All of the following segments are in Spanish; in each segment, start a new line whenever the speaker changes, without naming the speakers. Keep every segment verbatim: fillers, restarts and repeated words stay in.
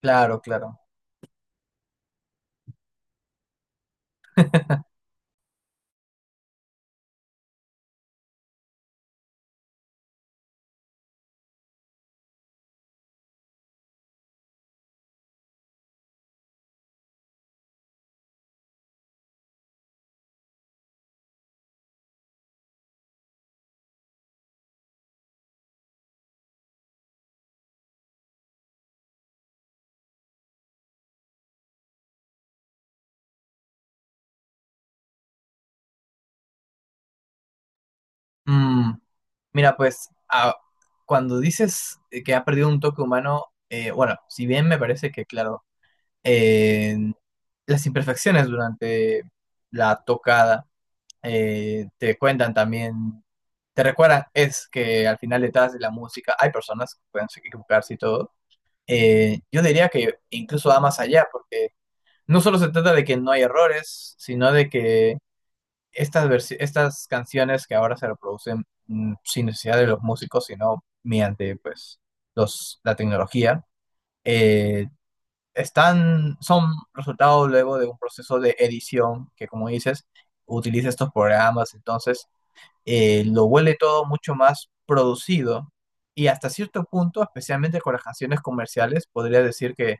Claro, claro. Mm, mira, pues a- cuando dices eh, que ha perdido un toque humano, eh, bueno, si bien me parece que, claro, eh, las imperfecciones durante la tocada eh, te cuentan también, te recuerdan, es que al final detrás de la música hay personas que pueden equivocarse y todo. Eh, yo diría que incluso va más allá, porque no solo se trata de que no hay errores, sino de que... estas, versi- estas canciones que ahora se reproducen mm, sin necesidad de los músicos, sino mediante pues, los, la tecnología, eh, están, son resultado luego de un proceso de edición que, como dices, utiliza estos programas, entonces eh, lo vuelve todo mucho más producido y hasta cierto punto, especialmente con las canciones comerciales, podría decir que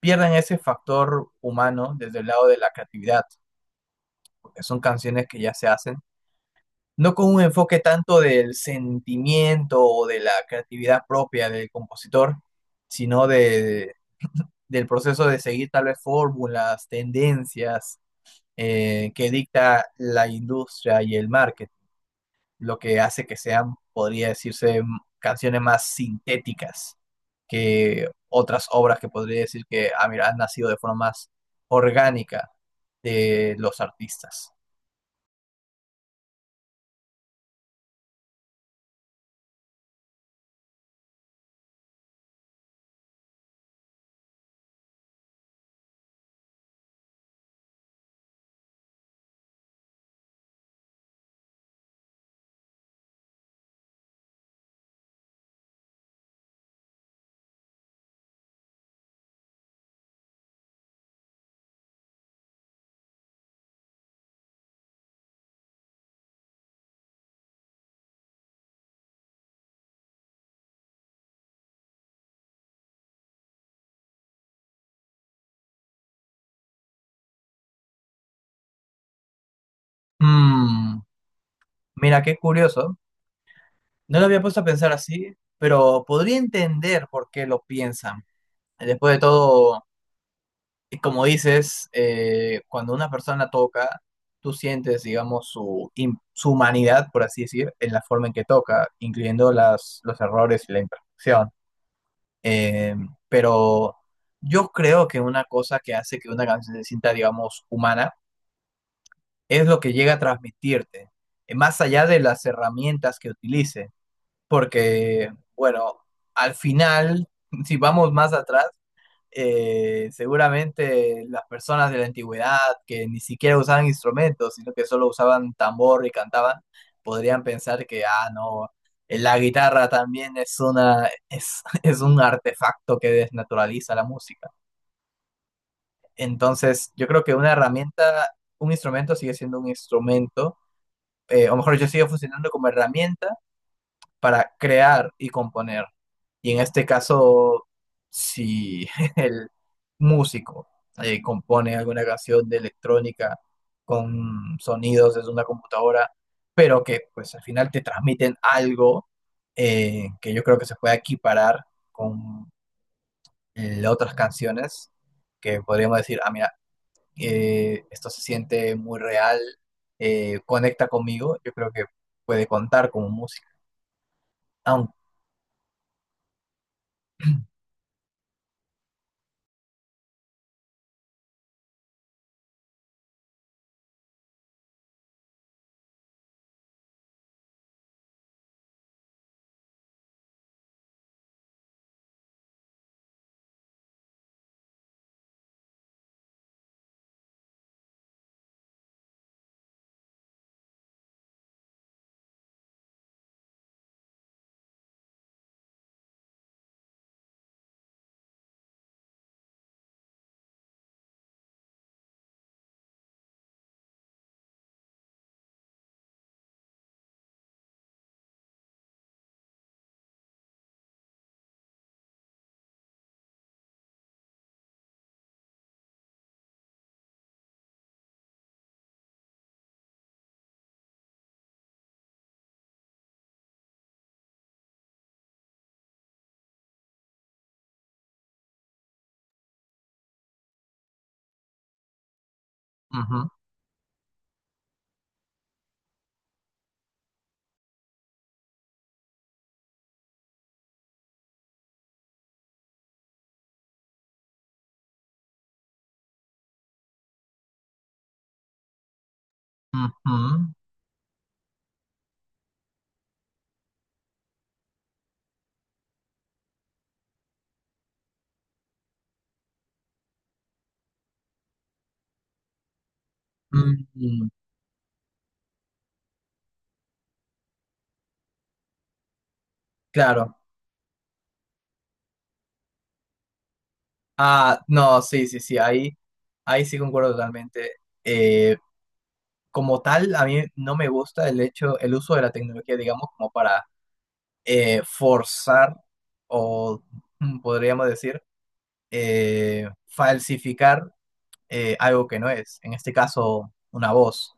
pierden ese factor humano desde el lado de la creatividad, porque son canciones que ya se hacen no con un enfoque tanto del sentimiento o de la creatividad propia del compositor, sino de, del proceso de seguir tal vez fórmulas, tendencias eh, que dicta la industria y el market, lo que hace que sean, podría decirse, m- canciones más sintéticas que otras obras que podría decir que ah, mira, han nacido de forma más orgánica de los artistas. Mm, mira, qué curioso. No lo había puesto a pensar así, pero podría entender por qué lo piensan. Después de todo, y como dices, eh, cuando una persona toca, tú sientes, digamos, su, im- su humanidad, por así decir, en la forma en que toca, incluyendo las, los errores y la imperfección. Eh, pero yo creo que una cosa que hace que una canción se sienta, digamos, humana es lo que llega a transmitirte, eh, más allá de las herramientas que utilice. Porque, bueno, al final, si vamos más atrás, eh, seguramente las personas de la antigüedad que ni siquiera usaban instrumentos, sino que solo usaban tambor y cantaban, podrían pensar que, ah, no, eh, la guitarra también es una, es, es un artefacto que desnaturaliza la música. Entonces, yo creo que una herramienta, un instrumento sigue siendo un instrumento, eh, o mejor yo sigue funcionando como herramienta para crear y componer. Y en este caso, si el músico eh, compone alguna canción de electrónica con sonidos desde una computadora, pero que pues al final te transmiten algo eh, que yo creo que se puede equiparar con eh, otras canciones que podríamos decir, ah, mira, eh, esto se siente muy real, eh, conecta conmigo, yo creo que puede contar como música. Aunque. Ujú. Mm, claro. Ah, no, sí, sí, sí, ahí, ahí sí concuerdo totalmente. Eh, como tal, a mí no me gusta el hecho, el uso de la tecnología, digamos, como para eh, forzar o mm, podríamos decir eh, falsificar eh, algo que no es, en este caso una voz.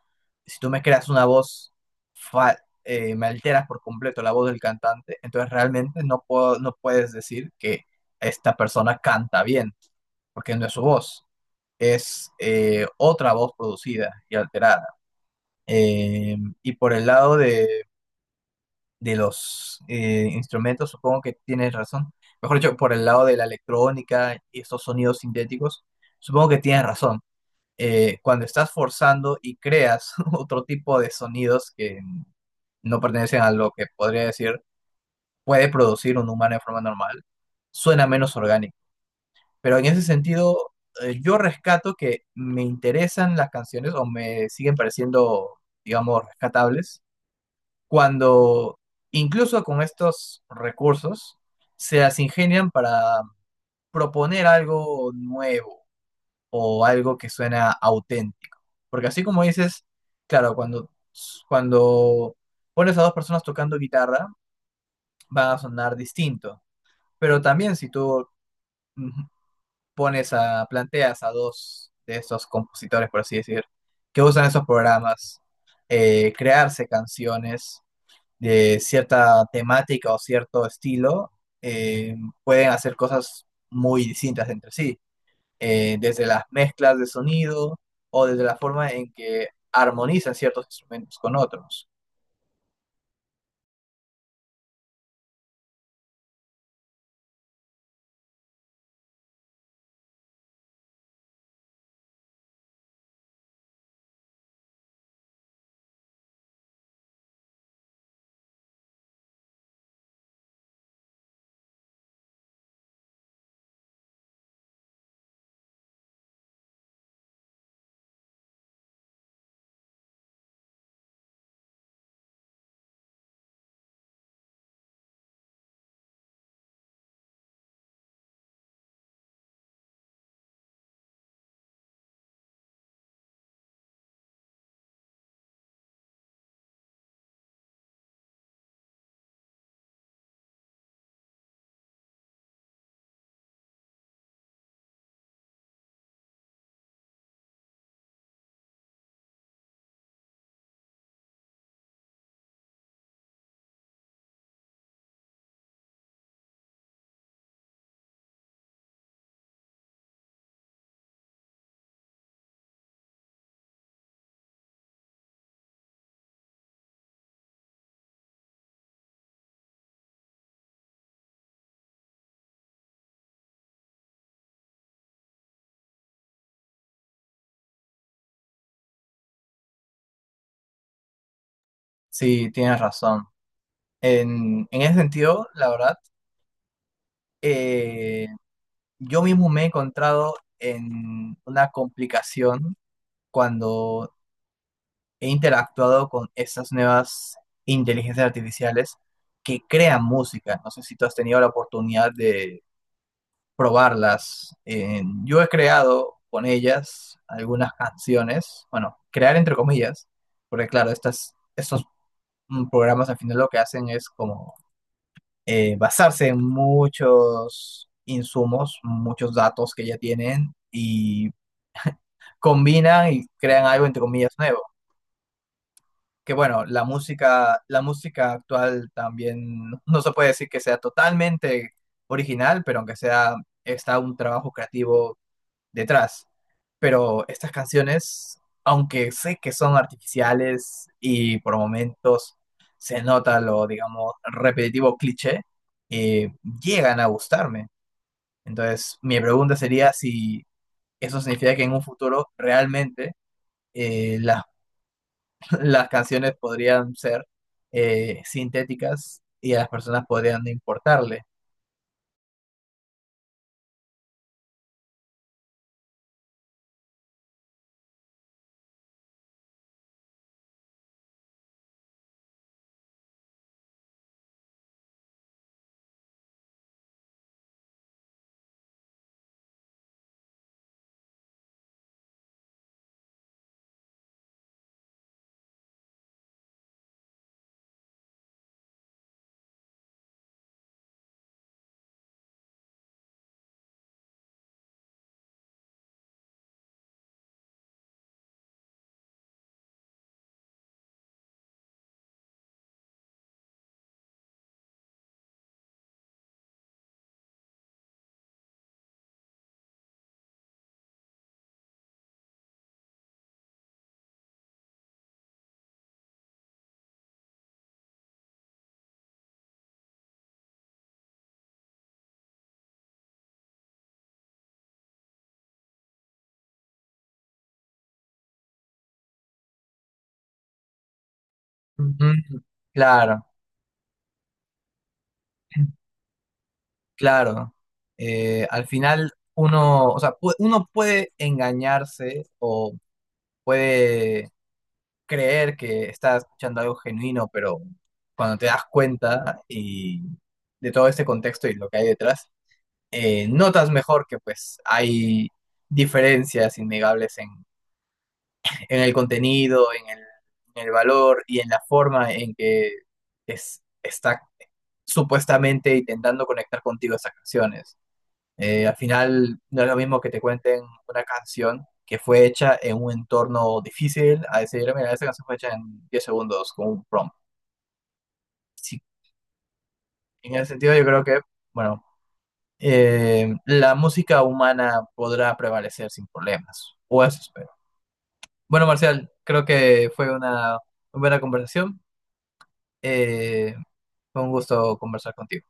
Si tú me creas una voz, fa- eh, me alteras por completo la voz del cantante, entonces realmente no puedo, no puedes decir que esta persona canta bien, porque no es su voz, es eh, otra voz producida y alterada. Eh, y por el lado de, de los eh, instrumentos, supongo que tienes razón. Mejor dicho, por el lado de la electrónica y estos sonidos sintéticos, supongo que tienes razón eh, cuando estás forzando y creas otro tipo de sonidos que no pertenecen a lo que podría decir puede producir un humano de forma normal, suena menos orgánico. Pero en ese sentido, eh, yo rescato que me interesan las canciones o me siguen pareciendo, digamos, rescatables, cuando incluso con estos recursos se las ingenian para proponer algo nuevo o algo que suena auténtico. Porque así como dices, claro, cuando, cuando pones a dos personas tocando guitarra, van a sonar distinto. Pero también si tú mm, pones a, planteas a dos de estos compositores, por así decir, que usan esos programas, eh, crearse canciones de cierta temática o cierto estilo, eh, pueden hacer cosas muy distintas entre sí eh, desde las mezclas de sonido o desde la forma en que armonizan ciertos instrumentos con otros. Sí, tienes razón. En, en ese sentido, la verdad, eh, yo mismo me he encontrado en una complicación cuando he interactuado con estas nuevas inteligencias artificiales que crean música. No sé si tú has tenido la oportunidad de probarlas. Eh, yo he creado con ellas algunas canciones, bueno, crear entre comillas, porque claro, estas, estos mm, programas al final lo que hacen es como eh, basarse en muchos insumos, muchos datos que ya tienen y combinan y crean algo entre comillas nuevo. Que bueno, la música, la música actual también no se puede decir que sea totalmente original, pero aunque sea está un trabajo creativo detrás. Pero estas canciones, aunque sé que son artificiales y por momentos se nota lo, digamos, repetitivo cliché, eh, llegan a gustarme. Entonces, mi pregunta sería si eso significa que en un futuro realmente eh, las, las canciones podrían ser eh, sintéticas y a las personas podrían no importarle. Ujú. Claro. Claro, eh, al final uno, o sea, pu- uno puede engañarse o puede creer que está escuchando algo genuino, pero cuando te das cuenta y de todo este contexto y lo que hay detrás, eh, notas mejor que pues hay diferencias innegables en, en el contenido, en el, en el valor y en la forma en que es, está supuestamente intentando conectar contigo esas canciones. Eh, al final no es lo mismo que te cuenten una canción que fue hecha en un entorno difícil a decir, mira, esta canción fue hecha en diez segundos con un prompt. Sí, en ese sentido yo creo que, bueno, eh, la música humana podrá prevalecer sin problemas, o eso espero. Bueno, Marcial, creo que fue una, buena conversación. Eh, fue un gusto conversar contigo.